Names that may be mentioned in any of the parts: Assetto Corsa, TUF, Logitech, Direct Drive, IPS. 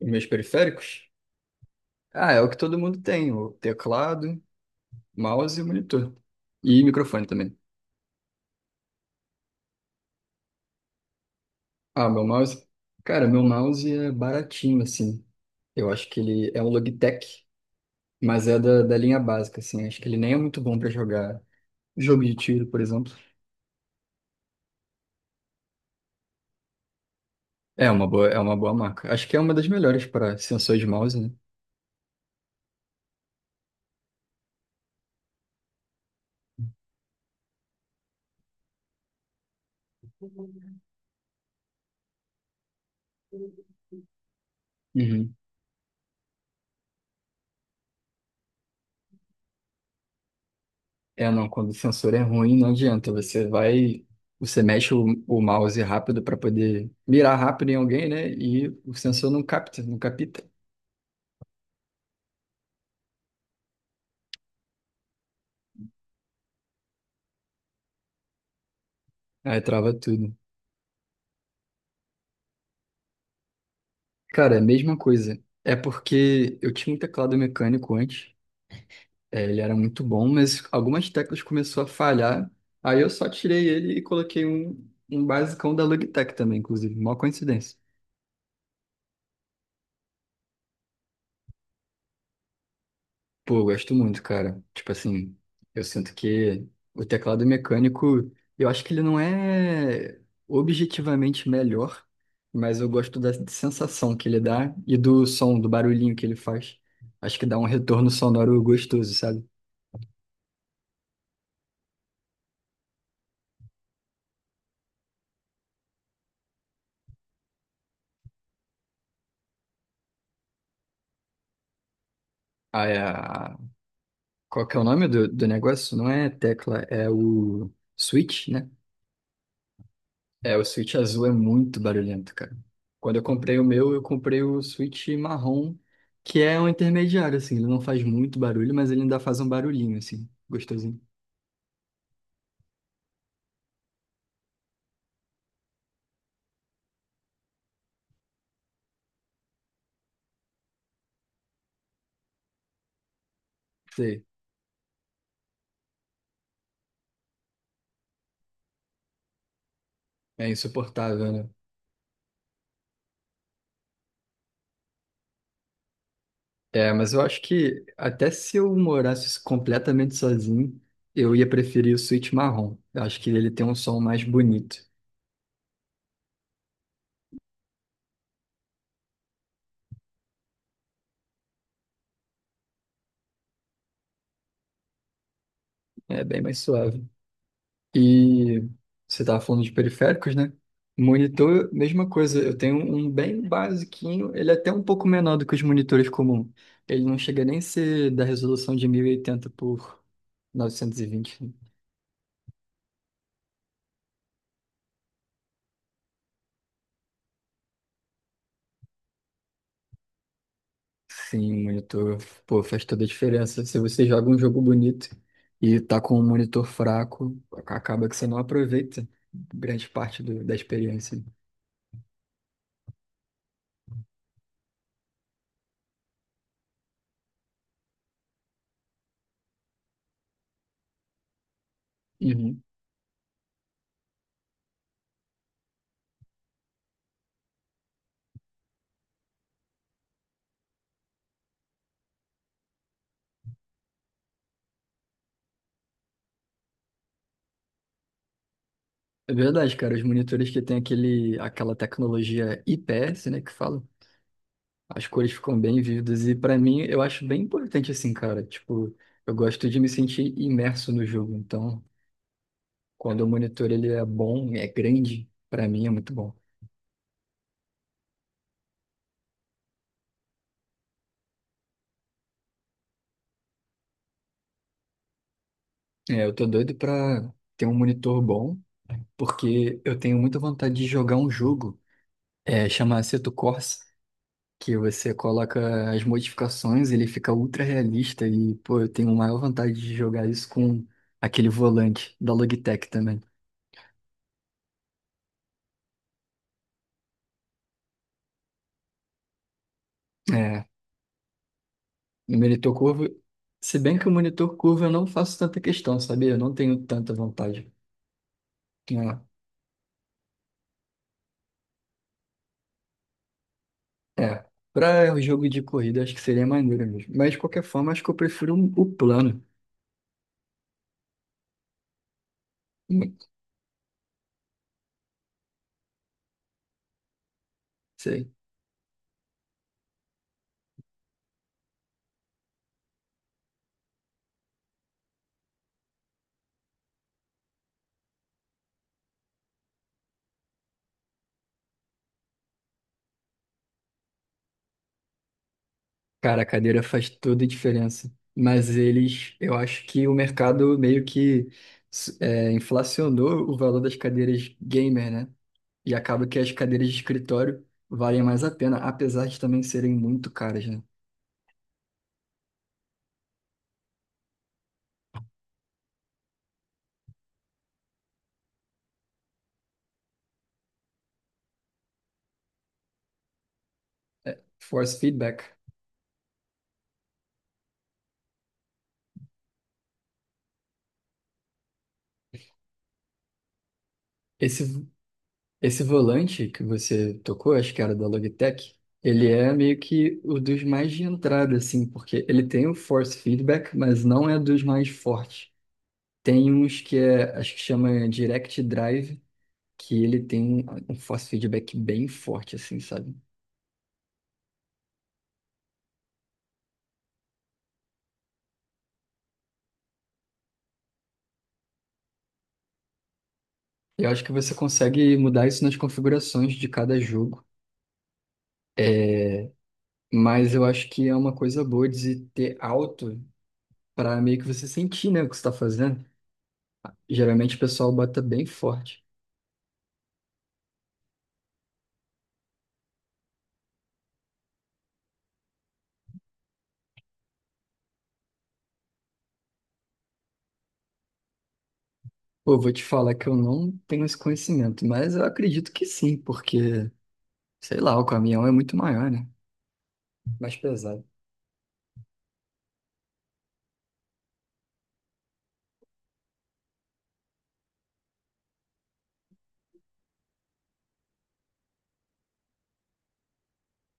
Os meus periféricos? Ah, é o que todo mundo tem, o teclado, mouse e monitor. E microfone também. Ah, meu mouse? Cara, meu mouse é baratinho, assim. Eu acho que ele é um Logitech, mas é da linha básica, assim. Acho que ele nem é muito bom pra jogar jogo de tiro, por exemplo. É uma boa marca. Acho que é uma das melhores para sensor de mouse, né? Uhum. É, não, quando o sensor é ruim, não adianta. Você mexe o mouse rápido para poder mirar rápido em alguém, né? E o sensor não capta, não capta. Aí trava tudo. Cara, é a mesma coisa. É porque eu tinha um teclado mecânico antes, ele era muito bom, mas algumas teclas começou a falhar. Aí eu só tirei ele e coloquei um basicão da Logitech também, inclusive. Mó coincidência. Pô, eu gosto muito, cara. Tipo assim, eu sinto que o teclado mecânico, eu acho que ele não é objetivamente melhor, mas eu gosto da sensação que ele dá e do som, do barulhinho que ele faz. Acho que dá um retorno sonoro gostoso, sabe? Ah, é a- Qual que é o nome do negócio? Não é tecla, é o switch, né? É, o Switch azul é muito barulhento, cara. Quando eu comprei o meu, eu comprei o Switch marrom, que é um intermediário, assim. Ele não faz muito barulho, mas ele ainda faz um barulhinho, assim, gostosinho. Sei, é insuportável, né? É, mas eu acho que até se eu morasse completamente sozinho, eu ia preferir o Switch marrom. Eu acho que ele tem um som mais bonito. É bem mais suave. E você estava falando de periféricos, né? Monitor, mesma coisa. Eu tenho um bem basiquinho, ele é até um pouco menor do que os monitores comuns. Ele não chega nem a ser da resolução de 1080 por 920, né? Sim, o monitor, pô, faz toda a diferença. Se você joga um jogo bonito e tá com um monitor fraco, acaba que você não aproveita grande parte da experiência. Uhum. É verdade, cara. Os monitores que tem aquela tecnologia IPS, né, que fala, as cores ficam bem vívidas e pra mim eu acho bem importante assim, cara. Tipo, eu gosto de me sentir imerso no jogo, então quando o monitor ele é bom, é grande, pra mim é muito bom. É, eu tô doido pra ter um monitor bom, porque eu tenho muita vontade de jogar um jogo, chama Assetto Corsa, que você coloca as modificações, ele fica ultra realista e, pô, eu tenho maior vontade de jogar isso com aquele volante da Logitech também. É, no monitor curvo, se bem que o monitor curvo eu não faço tanta questão, sabia? Eu não tenho tanta vontade, né? É, para o jogo de corrida acho que seria maneiro mesmo. Mas de qualquer forma, acho que eu prefiro um, o plano. Hum. Sei. Cara, a cadeira faz toda a diferença. Mas eles, eu acho que o mercado meio que inflacionou o valor das cadeiras gamer, né? E acaba que as cadeiras de escritório valem mais a pena, apesar de também serem muito caras, né? Force feedback. Esse Esse volante que você tocou, acho que era da Logitech, ele é meio que o dos mais de entrada, assim, porque ele tem o force feedback, mas não é dos mais fortes. Tem uns que é, acho que chama Direct Drive, que ele tem um force feedback bem forte, assim, sabe? Eu acho que você consegue mudar isso nas configurações de cada jogo. É, mas eu acho que é uma coisa boa de se ter alto para meio que você sentir, né, o que você está fazendo. Geralmente o pessoal bota bem forte. Pô, vou te falar que eu não tenho esse conhecimento, mas eu acredito que sim, porque, sei lá, o caminhão é muito maior, né? Mais pesado.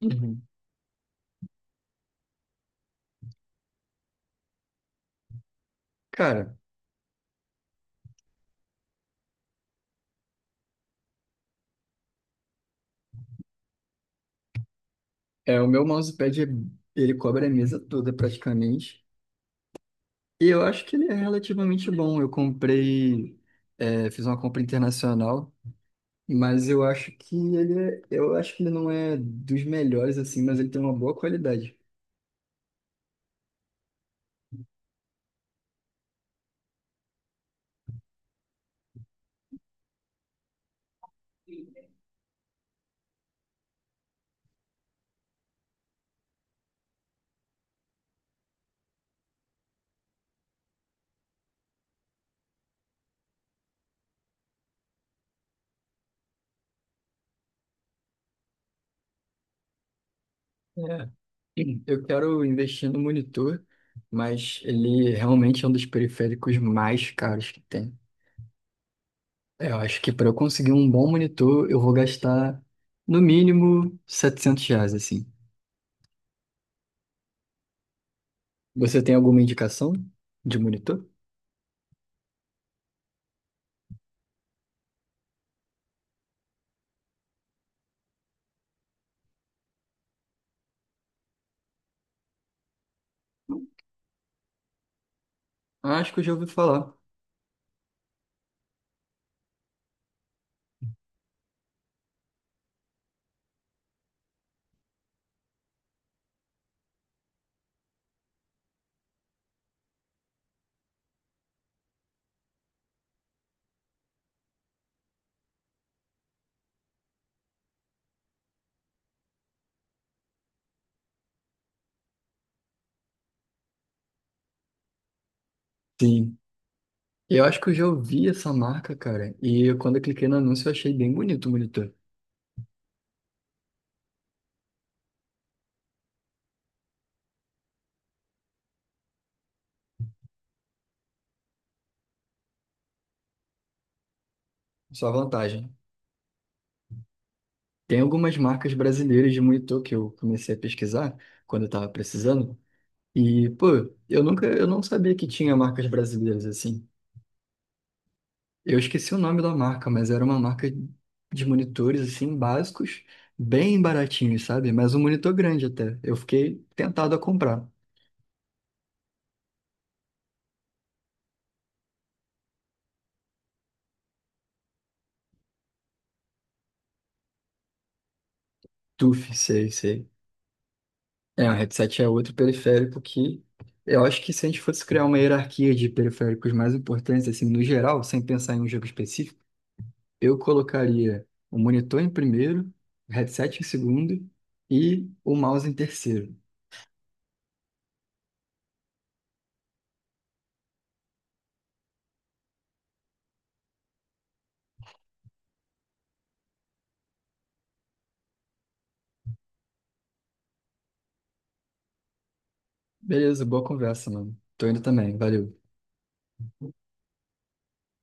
Uhum. Cara, o meu mousepad, ele cobre a mesa toda praticamente, e eu acho que ele é relativamente bom. Eu comprei, fiz uma compra internacional, mas eu acho que ele não é dos melhores, assim, mas ele tem uma boa qualidade. É. Eu quero investir no monitor, mas ele realmente é um dos periféricos mais caros que tem. É, eu acho que para eu conseguir um bom monitor, eu vou gastar no mínimo R$ 700, assim. Você tem alguma indicação de monitor? Acho que eu já ouvi falar. Sim. Eu acho que eu já ouvi essa marca, cara. E quando eu cliquei no anúncio, eu achei bem bonito o monitor. Só vantagem. Tem algumas marcas brasileiras de monitor que eu comecei a pesquisar quando eu tava precisando. E, pô, eu nunca, eu não sabia que tinha marcas brasileiras assim. Eu esqueci o nome da marca, mas era uma marca de monitores assim básicos, bem baratinhos, sabe? Mas um monitor grande até. Eu fiquei tentado a comprar. TUF, sei, sei. É, o headset é outro periférico que eu acho que se a gente fosse criar uma hierarquia de periféricos mais importantes assim no geral, sem pensar em um jogo específico, eu colocaria o monitor em primeiro, o headset em segundo e o mouse em terceiro. Beleza, boa conversa, mano. Tô indo também, valeu.